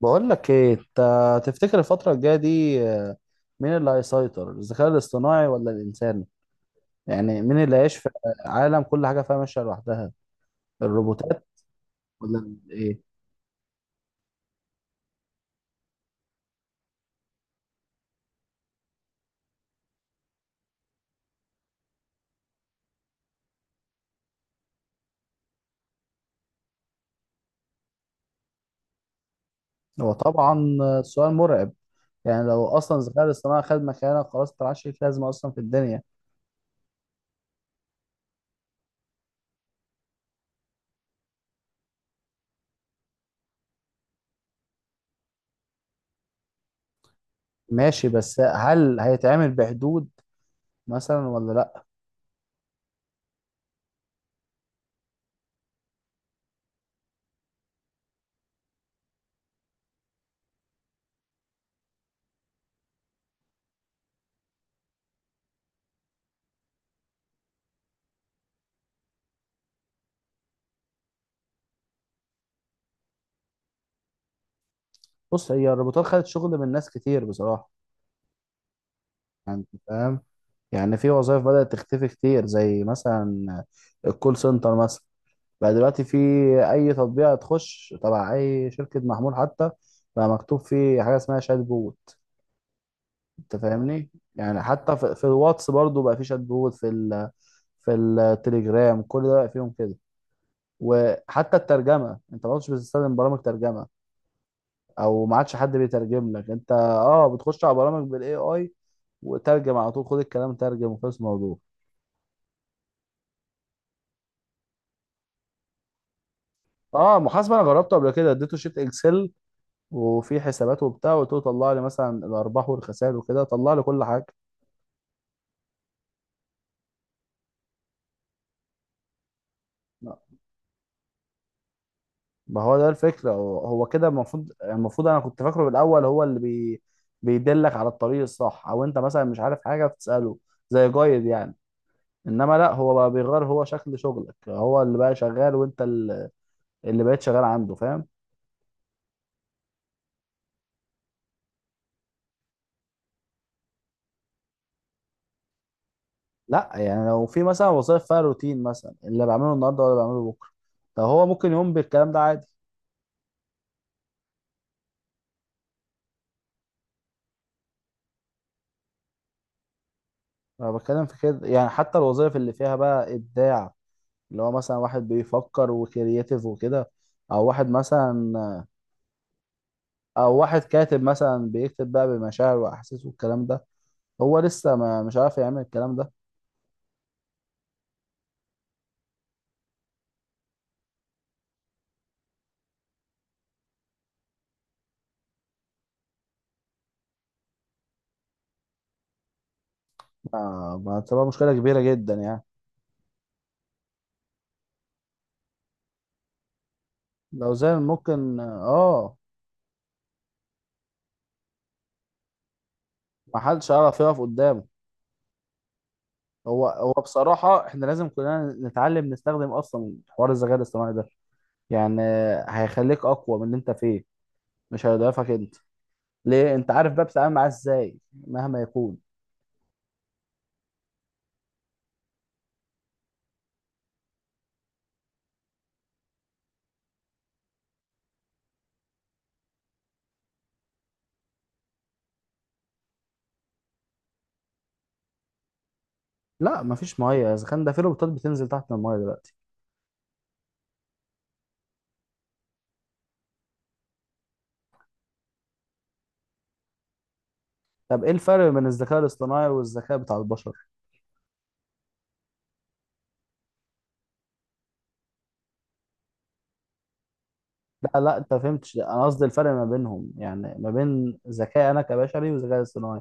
بقول لك ايه؟ انت تفتكر الفترة الجاية دي، مين اللي هيسيطر، الذكاء الاصطناعي ولا الانسان؟ يعني مين اللي هيعيش في عالم كل حاجة فيها ماشية لوحدها، الروبوتات ولا ايه؟ هو طبعا سؤال مرعب. يعني لو اصلا الذكاء الاصطناعي خد مكانك، خلاص انت معكش ليك لازمة اصلا في الدنيا. ماشي، بس هل هيتعمل بحدود مثلا ولا لا؟ بص، هي الروبوتات خدت شغل من ناس كتير بصراحة. يعني أنت فاهم. يعني في وظائف بدأت تختفي كتير، زي مثلا الكول سنتر مثلا. بقى دلوقتي في اي تطبيق تخش تبع اي شركه محمول حتى، بقى مكتوب فيه حاجه اسمها شات بوت. انت فاهمني؟ يعني حتى في الواتس برضو بقى في شات بوت، في التليجرام. كل ده بقى فيهم كده. وحتى الترجمه، انت ما كنتش بتستخدم برامج ترجمه، او ما عادش حد بيترجم لك. انت بتخش على برامج بالاي اي وترجم على طول، خد الكلام ترجم وخلص الموضوع. اه، محاسبه انا جربته قبل كده، اديته شيت اكسل وفي حسابات وبتاع، وقلت له طلع لي مثلا الارباح والخسائر وكده، طلع لي كل حاجه. ما هو ده الفكره، هو كده المفروض انا كنت فاكره بالاول، هو اللي بيدلك على الطريق الصح، او انت مثلا مش عارف حاجه بتساله، زي جايد يعني. انما لا، هو بقى بيغير هو شكل شغلك، هو اللي بقى شغال وانت اللي بقيت شغال عنده، فاهم؟ لا يعني، لو في مثلا وظائف فيها روتين مثلا، اللي بعمله النهارده ولا بعمله بكره، طب هو ممكن يقوم بالكلام ده عادي. انا بتكلم في كده، يعني حتى الوظائف اللي فيها بقى ابداع، اللي هو مثلا واحد بيفكر وكرياتيف وكده، او واحد مثلا، او واحد كاتب مثلا بيكتب بقى بمشاعر واحاسيس والكلام ده، هو لسه ما مش عارف يعمل الكلام ده. ما تبقى مشكلة كبيرة جدا يعني. لو زي ممكن، اه. ما حدش عارف يقف قدامه. هو بصراحة احنا لازم كلنا نتعلم نستخدم اصلا حوار الذكاء الاصطناعي ده. يعني هيخليك اقوى من اللي انت فيه، مش هيضعفك انت. ليه؟ انت عارف بقى بتتعامل معاه ازاي مهما يكون. لا، مفيش ميه، الذكاء ده في روبوتات بتنزل تحت الميه دلوقتي. طب ايه الفرق بين الذكاء الاصطناعي والذكاء بتاع البشر؟ لا لا، انت فهمتش، انا قصدي الفرق ما بينهم، يعني ما بين ذكاء انا كبشري وذكاء اصطناعي.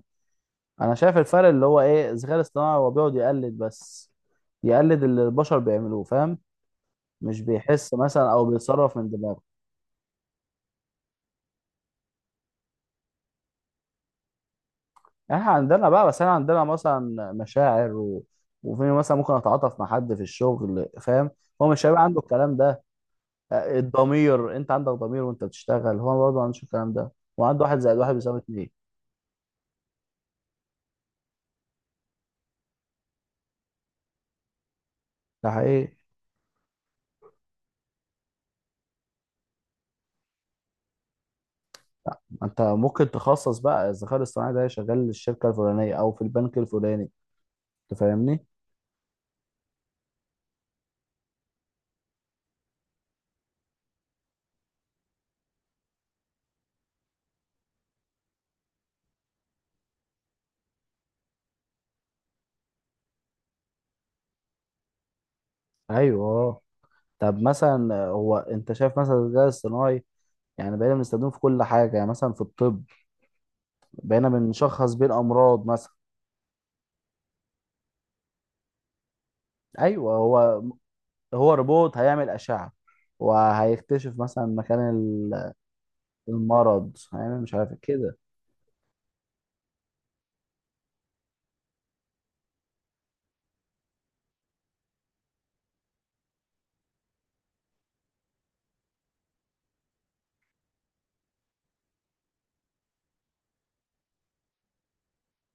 انا شايف الفرق اللي هو ايه، الذكاء الاصطناعي هو بيقعد يقلد بس، يقلد اللي البشر بيعملوه، فاهم؟ مش بيحس مثلا او بيتصرف من دماغه. احنا عندنا بقى، بس انا عندنا مثلا مشاعر وفي مثلا ممكن اتعاطف مع حد في الشغل، فاهم؟ هو مش هيبقى عنده الكلام ده. الضمير، انت عندك ضمير وانت بتشتغل، هو برضه ما عندوش الكلام ده. وعنده واحد زائد واحد بيساوي اتنين. ده حقيقي. ما انت ممكن تخصص بقى الذكاء الاصطناعي ده شغال للشركه الفلانيه او في البنك الفلاني. انت فاهمني؟ ايوه، طب مثلا هو انت شايف مثلا الذكاء الاصطناعي، يعني بقينا بنستخدمه في كل حاجه، يعني مثلا في الطب بقينا بنشخص بين امراض مثلا. ايوه هو روبوت هيعمل اشعه، وهيكتشف مثلا مكان المرض، هيعمل مش عارف كده.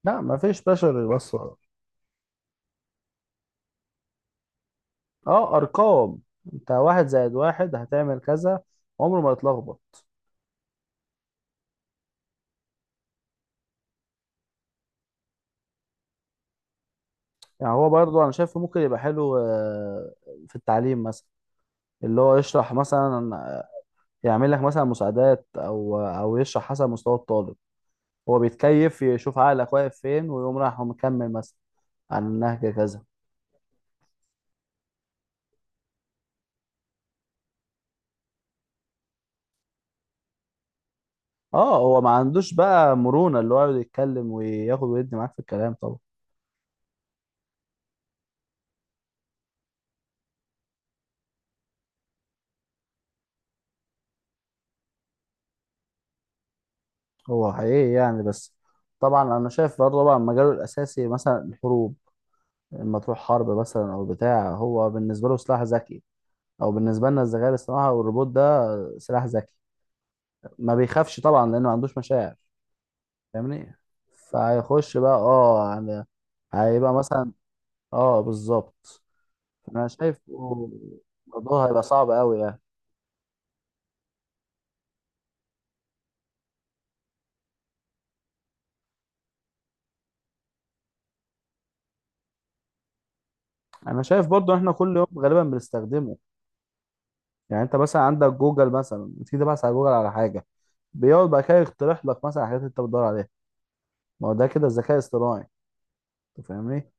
لا ما فيش بشر يوصل. اه، ارقام. انت واحد زائد واحد هتعمل كذا، عمره ما يتلخبط. يعني هو برضو انا شايفه ممكن يبقى حلو في التعليم مثلا، اللي هو يشرح مثلا، يعمل لك مثلا مساعدات، او يشرح حسب مستوى الطالب. هو بيتكيف، يشوف عقلك واقف فين ويقوم رايح ومكمل مثلا عن النهج كذا. اه، هو ما عندوش بقى مرونة، اللي هو يقعد يتكلم وياخد ويدي معاك في الكلام طبعا. هو حقيقي يعني، بس طبعا انا شايف برضه طبعا مجاله الاساسي مثلا الحروب. لما تروح حرب مثلا او بتاع، هو بالنسبه له سلاح ذكي، او بالنسبه لنا الذكاء الاصطناعي والروبوت ده سلاح ذكي. ما بيخافش طبعا لانه ما عندوش مشاعر، فاهمني؟ فهيخش بقى يعني، هيبقى مثلا. اه بالظبط. انا شايف الموضوع هيبقى صعب قوي يعني. انا شايف برضو احنا كل يوم غالبا بنستخدمه. يعني انت مثلا عندك جوجل مثلا، بتيجي تبحث على جوجل على حاجه، بيقعد بقى كده يقترح لك مثلا حاجات انت بتدور عليها. ما هو ده كده الذكاء الاصطناعي. أنت فاهمني؟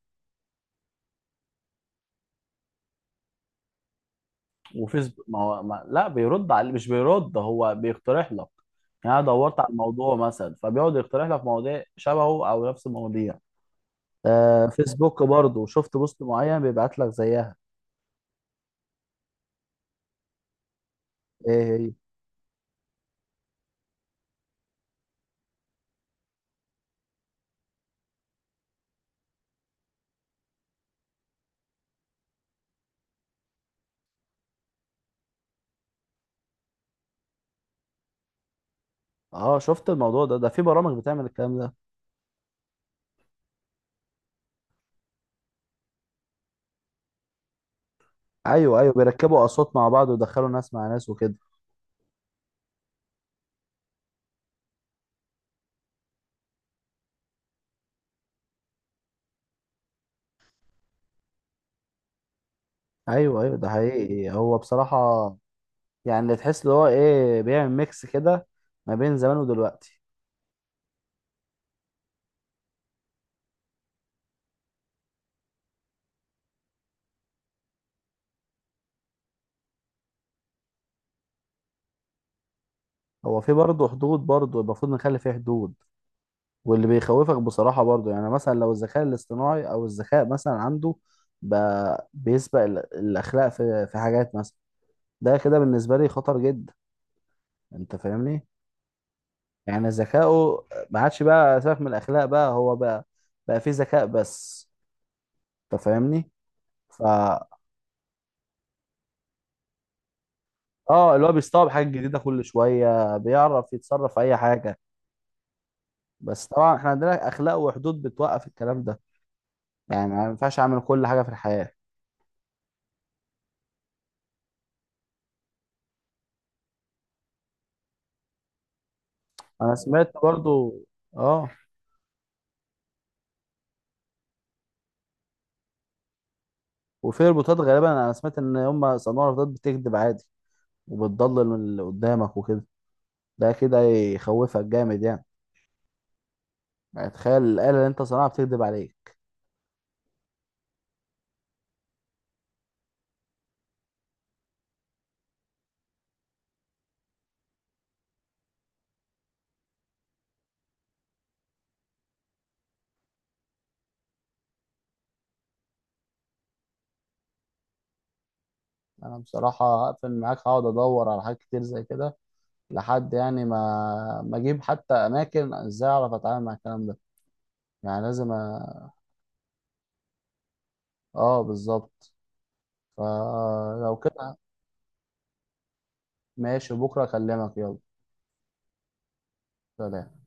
وفيسبوك، ما هو ما لا بيرد على، مش بيرد، هو بيقترح لك. يعني انا دورت على الموضوع مثلا، فبيقعد يقترح لك مواضيع شبهه او نفس المواضيع. فيسبوك برضو، شفت بوست معين بيبعت لك زيها. ايه هي؟ اه، شفت الموضوع ده، ده في برامج بتعمل الكلام ده. ايوه ايوه، بيركبوا اصوات مع بعض ويدخلوا ناس مع ناس وكده. ايوه ايوه، ده حقيقي هو بصراحة. يعني اللي تحس اللي هو ايه، بيعمل ميكس كده ما بين زمان ودلوقتي. هو في برضه حدود، برضه المفروض نخلي فيه حدود. واللي بيخوفك بصراحة برضو يعني، مثلا لو الذكاء الاصطناعي أو الذكاء مثلا عنده بقى بيسبق الأخلاق في حاجات مثلا، ده كده بالنسبة لي خطر جدا. أنت فاهمني؟ يعني ذكاؤه ما عادش بقى سبب من الأخلاق، بقى هو بقى فيه ذكاء بس. أنت فاهمني؟ فا اللي هو بيستوعب حاجة جديدة كل شوية، بيعرف يتصرف في أي حاجة. بس طبعا إحنا عندنا أخلاق وحدود بتوقف الكلام ده، يعني ما ينفعش أعمل كل حاجة في الحياة. أنا سمعت برضو آه وفي ربوتات غالبا، انا سمعت ان هم صناع ربوتات بتكذب عادي، وبتضلل من اللي قدامك وكده. ده كده يخوفك جامد يعني، يعني تخيل الآلة اللي انت صنعها بتكذب عليك. انا بصراحة هقفل معاك، هقعد ادور على حاجات كتير زي كده، لحد يعني ما اجيب حتى اماكن ازاي اعرف اتعامل مع الكلام ده. يعني لازم اه بالظبط. فلو كده، ماشي بكرة اكلمك. يلا سلام.